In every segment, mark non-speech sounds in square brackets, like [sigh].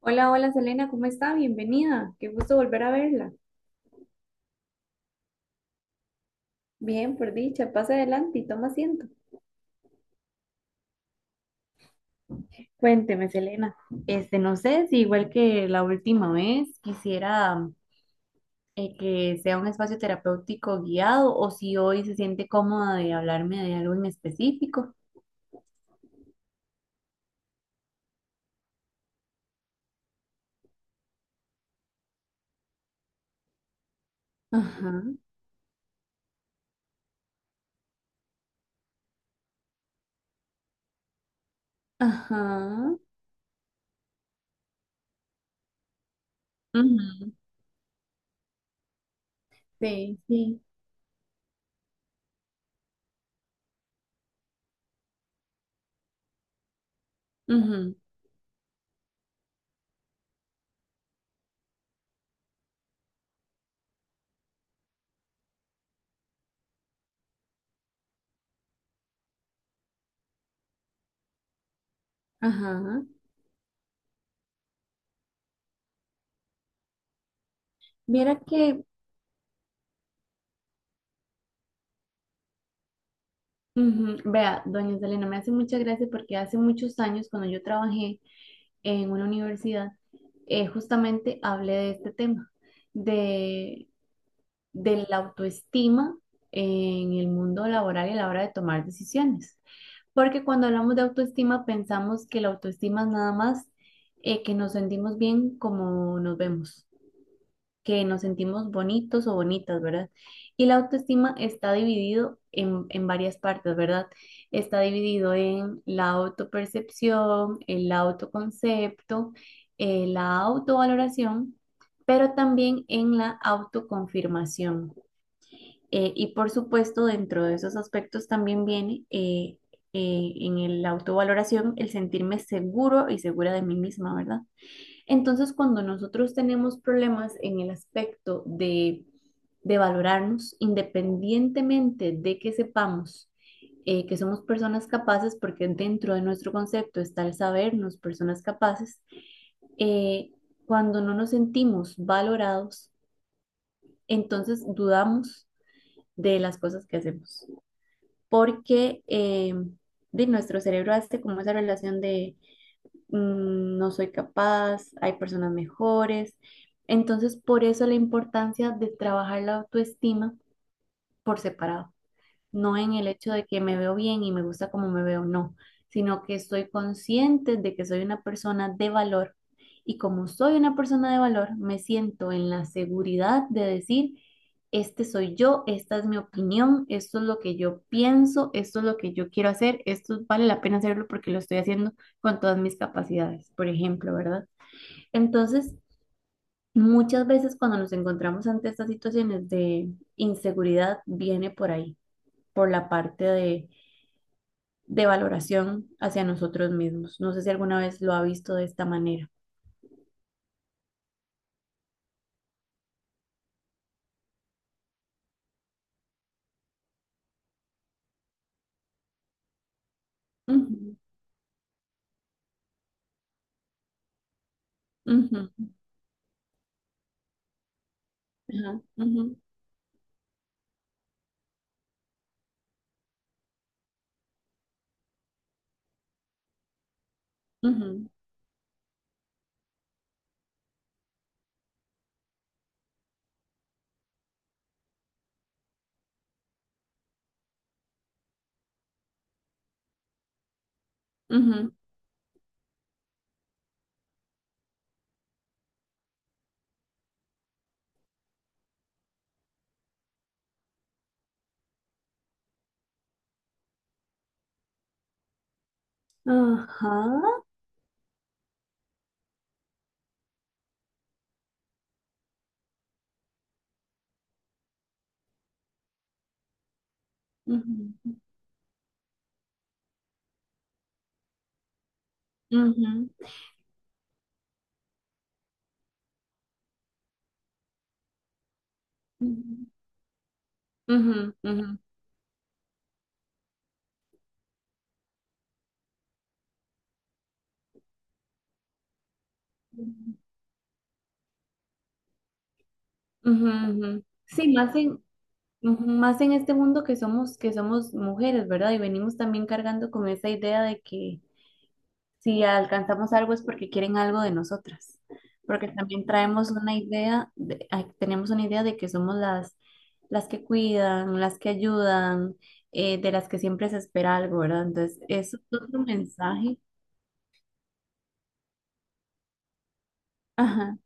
Hola, hola Selena, ¿cómo está? Bienvenida. Qué gusto volver a verla. Bien, por dicha, pase adelante y toma asiento. Cuénteme, Selena. Este, no sé si igual que la última vez quisiera que sea un espacio terapéutico guiado o si hoy se siente cómoda de hablarme de algo en específico. Ajá. Ajá. Ujú. Sí, sí. Ujú. Ajá. Viera que, ujú, vea, doña Selena, me hace mucha gracia porque hace muchos años cuando yo trabajé en una universidad, justamente hablé de este tema, de, de la autoestima en el mundo laboral y a la hora de tomar decisiones. Porque cuando hablamos de autoestima pensamos que la autoestima es nada más que nos sentimos bien como nos vemos, que nos sentimos bonitos o bonitas, ¿verdad? Y la autoestima está dividido en varias partes, ¿verdad? Está dividido en la autopercepción, el autoconcepto, la autovaloración, pero también en la autoconfirmación. Y por supuesto, dentro de esos aspectos también viene en la autovaloración el sentirme seguro y segura de mí misma, ¿verdad? Entonces, cuando nosotros tenemos problemas en el aspecto de valorarnos, independientemente de que sepamos que somos personas capaces, porque dentro de nuestro concepto está el sabernos personas capaces, eh, cuando no nos sentimos valorados, entonces dudamos de las cosas que hacemos, porque de nuestro cerebro hace como esa relación de no soy capaz, hay personas mejores. Entonces, por eso la importancia de trabajar la autoestima por separado, no en el hecho de que me veo bien y me gusta como me veo, no, sino que estoy consciente de que soy una persona de valor, y como soy una persona de valor, me siento en la seguridad de decir, este soy yo, esta es mi opinión, esto es lo que yo pienso, esto es lo que yo quiero hacer, esto vale la pena hacerlo porque lo estoy haciendo con todas mis capacidades, por ejemplo, ¿verdad? Entonces. Muchas veces cuando nos encontramos ante estas situaciones de inseguridad viene por ahí, por la parte de valoración hacia nosotros mismos. No sé si alguna vez lo ha visto de esta manera. Ujú. Ujú. Ajá. Ujú. Ujú. Ujú. Ajá. Ujú. Ujú. Ujú. Ujú. Ujú. Ujú. Ujú. Sí, más en, ujú, más en este mundo que somos mujeres, ¿verdad? Y venimos también cargando con esa idea de que, si alcanzamos algo es porque quieren algo de nosotras, porque también traemos una idea, ay, tenemos una idea de que somos las que cuidan, las que ayudan, de las que siempre se espera algo, ¿verdad? Entonces, eso es otro mensaje. Ajá.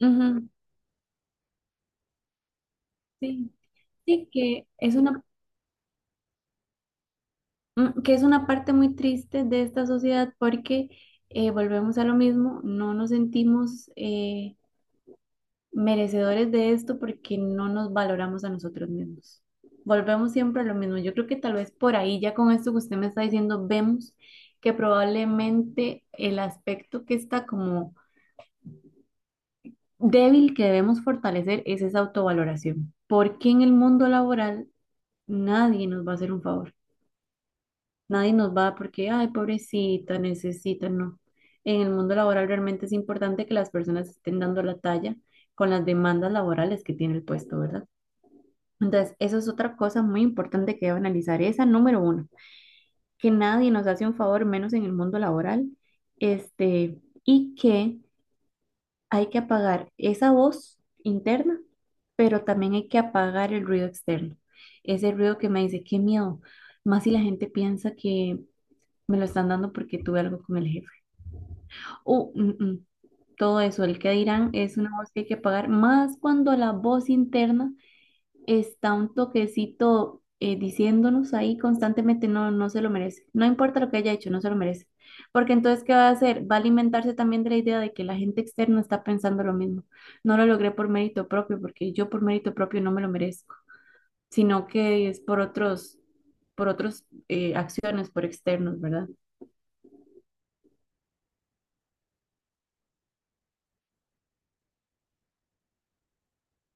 Ujú. Sí. Sí, que es una parte muy triste de esta sociedad porque volvemos a lo mismo, no nos sentimos merecedores de esto porque no nos valoramos a nosotros mismos. Volvemos siempre a lo mismo. Yo creo que tal vez por ahí, ya con esto que usted me está diciendo, vemos que probablemente el aspecto que está como débil que debemos fortalecer es esa autovaloración. Porque en el mundo laboral nadie nos va a hacer un favor. Nadie nos va porque, ay, pobrecita, necesita, no. En el mundo laboral realmente es importante que las personas estén dando la talla con las demandas laborales que tiene el puesto, ¿verdad? Entonces, eso es otra cosa muy importante que debo analizar. Esa número uno, que nadie nos hace un favor, menos en el mundo laboral, este, y que hay que apagar esa voz interna, pero también hay que apagar el ruido externo. Ese ruido que me dice, qué miedo, más si la gente piensa que me lo están dando porque tuve algo con el jefe. O, todo eso, el que dirán es una voz que hay que apagar, más cuando la voz interna está un toquecito diciéndonos ahí constantemente, no, no se lo merece. No importa lo que haya hecho, no se lo merece. Porque entonces, ¿qué va a hacer? Va a alimentarse también de la idea de que la gente externa está pensando lo mismo. No lo logré por mérito propio, porque yo por mérito propio no me lo merezco, sino que es por otros acciones, por externos, ¿verdad?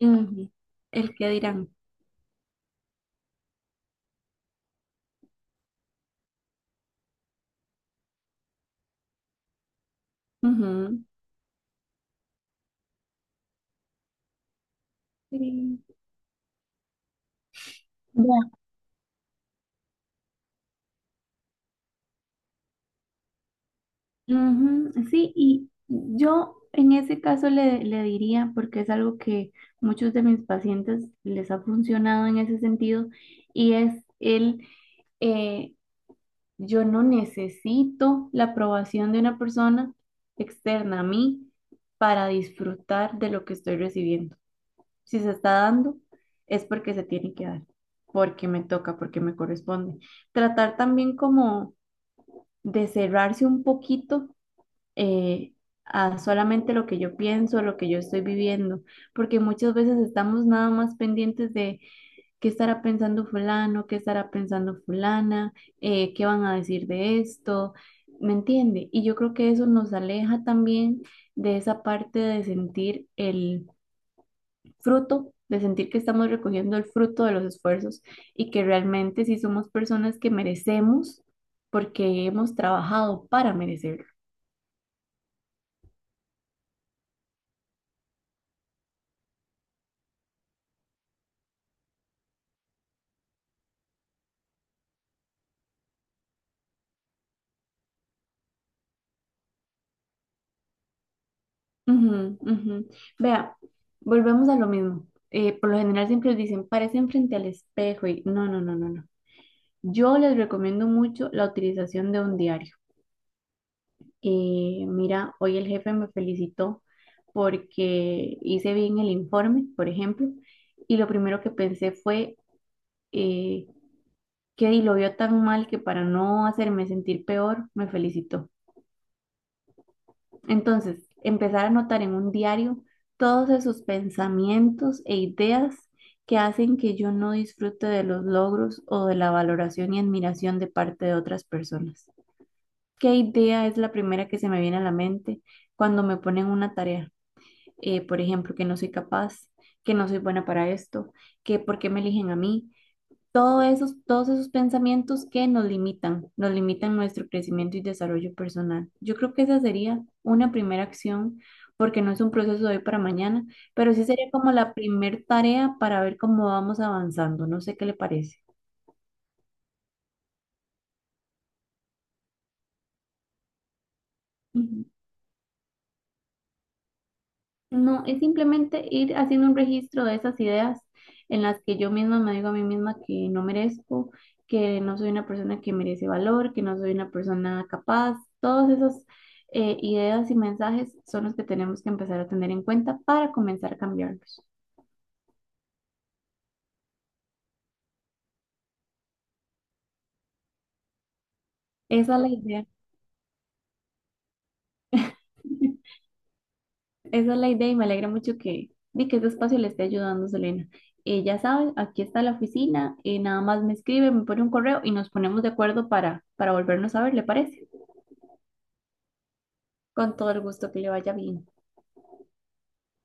Ujú. El que dirán. Ujú. Sí. Ujú. Sí, y yo en ese caso le diría, porque es algo que muchos de mis pacientes les ha funcionado en ese sentido, y es eh, yo no necesito la aprobación de una persona externa a mí para disfrutar de lo que estoy recibiendo. Si se está dando, es porque se tiene que dar, porque me toca, porque me corresponde. Tratar también como de cerrarse un poquito eh, a solamente lo que yo pienso, lo que yo estoy viviendo, porque muchas veces estamos nada más pendientes de qué estará pensando fulano, qué estará pensando fulana, qué van a decir de esto, ¿me entiende? Y yo creo que eso nos aleja también de esa parte de sentir el fruto, de sentir que estamos recogiendo el fruto de los esfuerzos y que realmente sí somos personas que merecemos porque hemos trabajado para merecerlo. Ujú. Ujú. Vea, volvemos a lo mismo. Por lo general siempre dicen, parecen frente al espejo y no, no, no, no, no. Yo les recomiendo mucho la utilización de un diario. Mira, hoy el jefe me felicitó porque hice bien el informe, por ejemplo, y lo primero que pensé fue eh, que di, lo vio tan mal que para no hacerme sentir peor, me felicitó. Entonces, empezar a anotar en un diario todos esos pensamientos e ideas que hacen que yo no disfrute de los logros o de la valoración y admiración de parte de otras personas. ¿Qué idea es la primera que se me viene a la mente cuando me ponen una tarea? Por ejemplo, que no soy capaz, que no soy buena para esto, que por qué me eligen a mí, todos esos pensamientos que nos limitan nuestro crecimiento y desarrollo personal. Yo creo que esa sería una primera acción, porque no es un proceso de hoy para mañana, pero sí sería como la primer tarea para ver cómo vamos avanzando. No sé qué le parece. No, es simplemente ir haciendo un registro de esas ideas en las que yo misma me digo a mí misma que no merezco, que no soy una persona que merece valor, que no soy una persona capaz. Todas esas ideas y mensajes son los que tenemos que empezar a tener en cuenta para comenzar a cambiarlos. Esa es la idea. [laughs] Esa es la idea y me alegra mucho que, di, que este espacio le esté ayudando, Selena. Ya saben, aquí está la oficina, nada más me escribe, me pone un correo y nos ponemos de acuerdo para volvernos a ver, ¿le parece? Con todo el gusto, que le vaya bien.